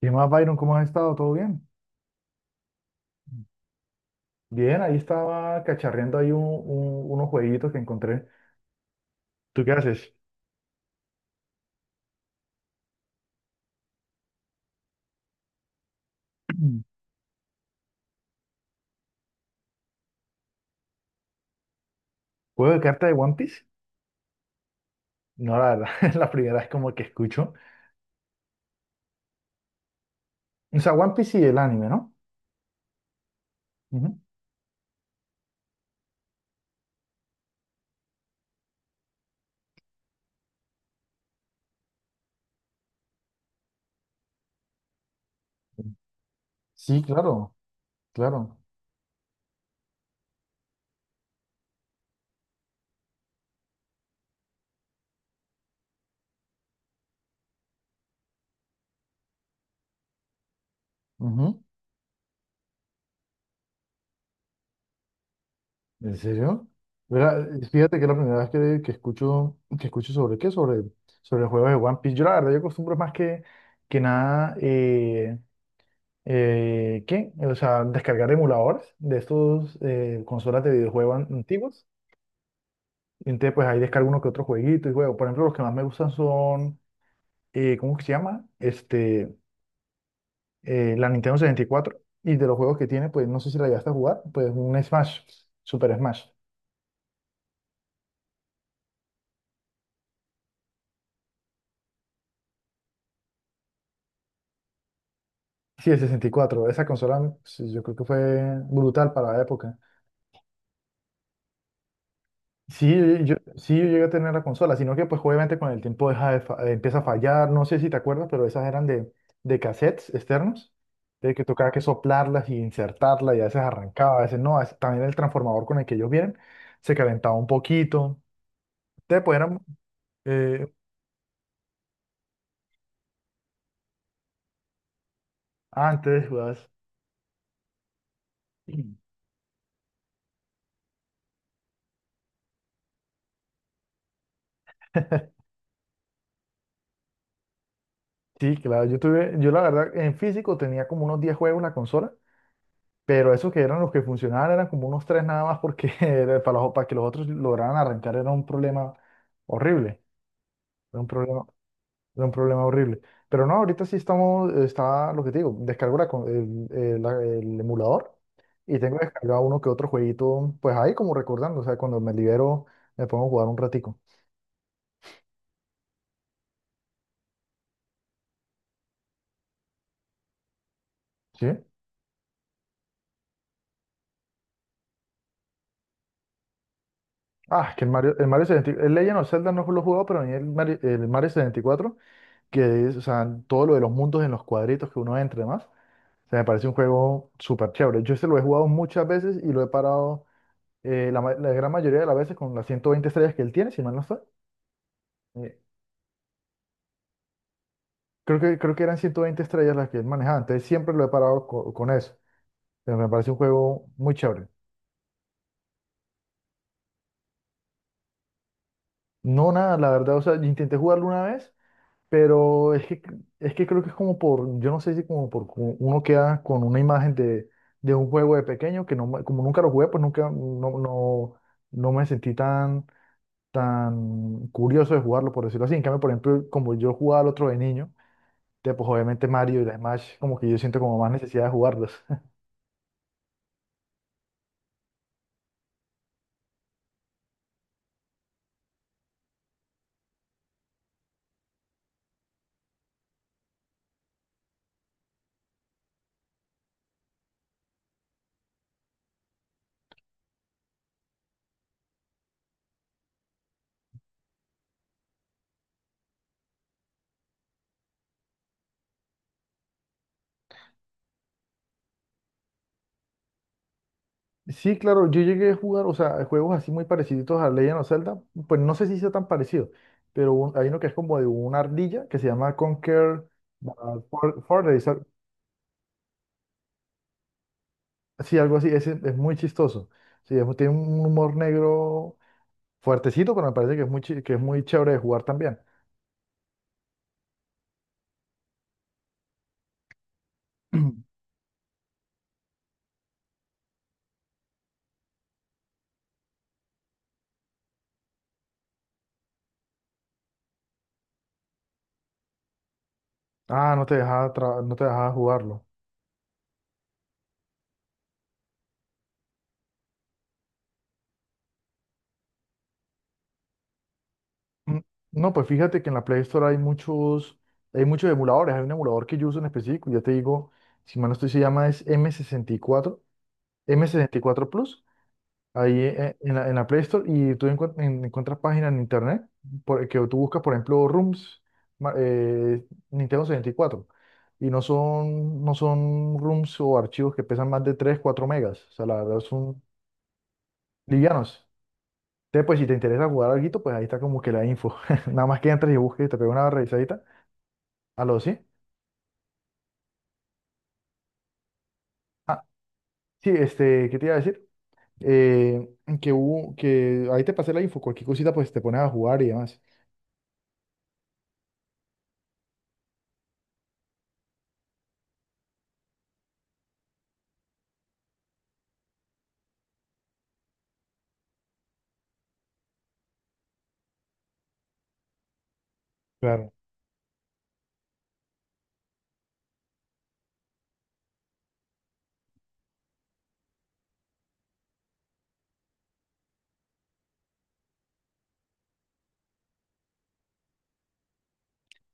¿Qué más, Byron? ¿Cómo has estado? ¿Todo bien? Bien, ahí estaba cacharreando ahí unos jueguitos que encontré. ¿Tú qué haces? ¿Juego de carta de One Piece? No, la verdad, es la primera vez como que escucho. O sea, One Piece y el anime, ¿no? Ujú. Sí, claro, claro. Ujú. ¿En serio? Mira, fíjate que es la primera vez que escucho sobre sobre el juego de One Piece. Yo la verdad, yo acostumbro más que nada, ¿qué? O sea, descargar emuladores de estos, consolas de videojuegos antiguos. Y entonces, pues ahí descargo uno que otro jueguito y juego. Por ejemplo, los que más me gustan son, ¿cómo que se llama? La Nintendo 64, y de los juegos que tiene, pues no sé si la llegaste a jugar, pues un Smash, Super Smash. Sí, el 64. Esa consola, sí, yo creo que fue brutal para la época. Sí, sí, yo llegué a tener la consola, sino que pues obviamente con el tiempo deja de empieza a fallar, no sé si te acuerdas, pero esas eran de cassettes externos, de que tocaba que soplarlas y insertarlas, y a veces arrancaba, a veces no, a veces también el transformador con el que ellos vienen se calentaba un poquito. Entonces pues eran, eh, antes jugabas. Sí, claro, yo tuve, yo la verdad en físico tenía como unos 10 juegos en la consola. Pero esos que eran los que funcionaban eran como unos tres nada más, porque era para, para que los otros lograran arrancar era un problema horrible, era un problema, era un problema horrible. Pero no, ahorita sí estamos, está lo que te digo, descargo la co- el- la- el emulador, y tengo descargado uno que otro jueguito, pues ahí como recordando, o sea, cuando me libero me pongo a jugar un ratico. ¿Sí? Ah, es que el Mario 64, el Legend of Zelda no lo he jugado, pero a mí el Mario 74, que es, o sea, todo lo de los mundos en los cuadritos que uno entra y demás, se me parece un juego súper chévere. Yo este lo he jugado muchas veces y lo he parado, la gran mayoría de las veces con las 120 estrellas que él tiene, si mal no estoy. Eh, creo que eran 120 estrellas las que él manejaba, entonces siempre lo he parado con eso. Pero me parece un juego muy chévere. No, nada, la verdad, o sea, yo intenté jugarlo una vez, pero es que creo que es como por, yo no sé si como por uno queda con una imagen de un juego de pequeño que no, como nunca lo jugué, pues nunca, no me sentí tan tan curioso de jugarlo, por decirlo así. En cambio, por ejemplo, como yo jugaba al otro de niño, pues obviamente Mario y la Smash, como que yo siento como más necesidad de jugarlos. Sí, claro, yo llegué a jugar, o sea, juegos así muy parecidos a Legend of Zelda, pues no sé si sea tan parecido, pero hay uno que es como de una ardilla que se llama Conquer, Fortress, sí, algo así, ese es muy chistoso. Sí, tiene un humor negro fuertecito, pero me parece que es muy, que es muy chévere de jugar también. Ah, no te dejaba, no te dejaba jugarlo. Mm, no, pues fíjate que en la Play Store hay muchos emuladores. Hay un emulador que yo uso en específico, ya te digo, si mal no estoy, se llama es M64, M64 Plus, ahí en la Play Store, y tú encuentras páginas en internet, por, que tú buscas, por ejemplo, ROMs, ma- eh, Nintendo 64, y cuatro, y no son, no son ROMs o archivos que pesan más de 3, 4 megas, o sea, la verdad son livianos. Entonces, pues si te interesa jugar algo, pues ahí está como que la info. Nada más que entres y busques y te pegas una revisadita. Aló, sí. Ah, sí, este, ¿qué te iba a decir? Eh, que hubo, que ahí te pasé la info, cualquier cosita pues te pones a jugar y demás. Claro.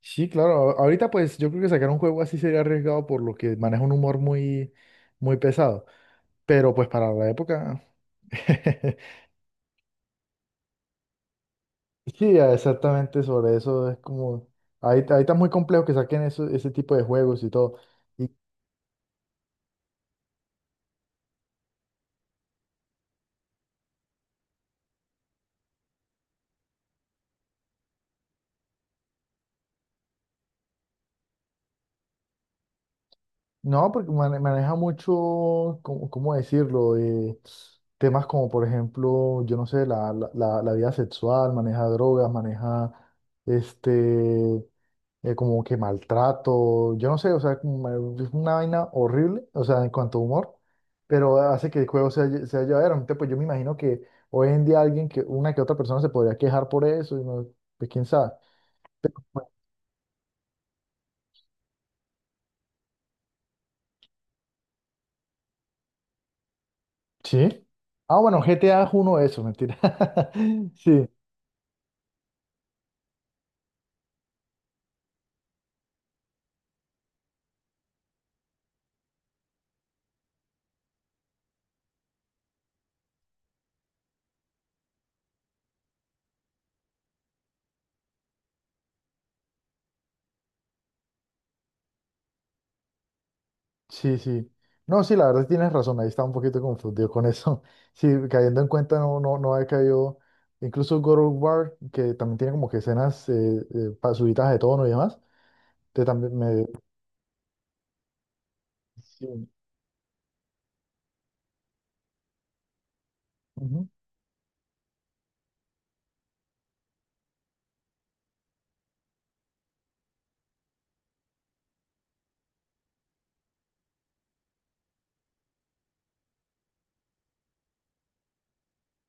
Sí, claro, ahorita pues yo creo que sacar un juego así sería arriesgado por lo que maneja un humor muy, muy pesado. Pero pues para la época. Sí, exactamente sobre eso es como. Ahí, ahí está muy complejo que saquen eso, ese tipo de juegos y todo. No, porque maneja mucho, ¿cómo decirlo? Temas como, por ejemplo, yo no sé, la vida sexual, maneja drogas, maneja, este, como que maltrato, yo no sé, o sea, como, es una vaina horrible, o sea, en cuanto a humor, pero hace que el juego sea, sea llevadero. Entonces, pues yo me imagino que hoy en día alguien que, una que otra persona se podría quejar por eso, y no, pues quién sabe. Sí. Ah, bueno, G T A es uno de esos, mentira. Sí. Sí, sí. No, sí, la verdad sí tienes razón, ahí estaba un poquito confundido con eso. Sí, cayendo en cuenta no, no había caído. Incluso God of War, que también tiene como que escenas, subidas de tono y demás, te también me... Sí, ujú.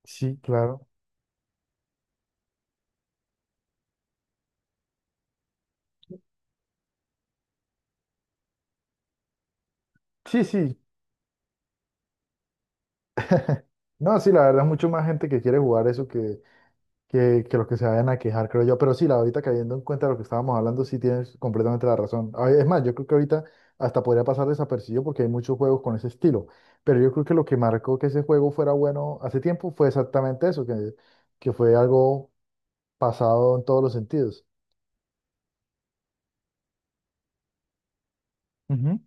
Sí, claro. Sí, sí. No, sí, la verdad es mucho más gente que quiere jugar eso que, que los que se vayan a quejar, creo yo. Pero sí, la ahorita cayendo en cuenta de lo que estábamos hablando, sí tienes completamente la razón. A ver, es más, yo creo que ahorita hasta podría pasar desapercibido porque hay muchos juegos con ese estilo. Pero yo creo que lo que marcó que ese juego fuera bueno hace tiempo fue exactamente eso, que fue algo pasado en todos los sentidos. Ujú.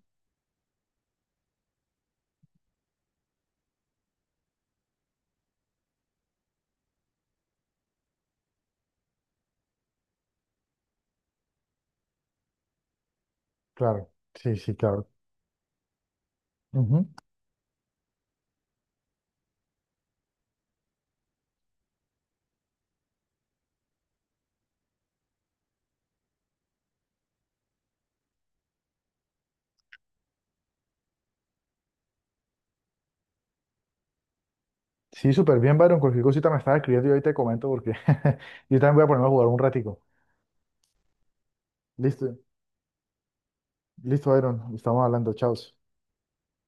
Claro, sí, sí, claro. Ujú. Sí, súper bien, Byron. Cualquier cosita me estaba escribiendo y ahí te comento, porque yo también voy a ponerme a jugar un ratico. Listo, listo, Byron. Estamos hablando. Chao.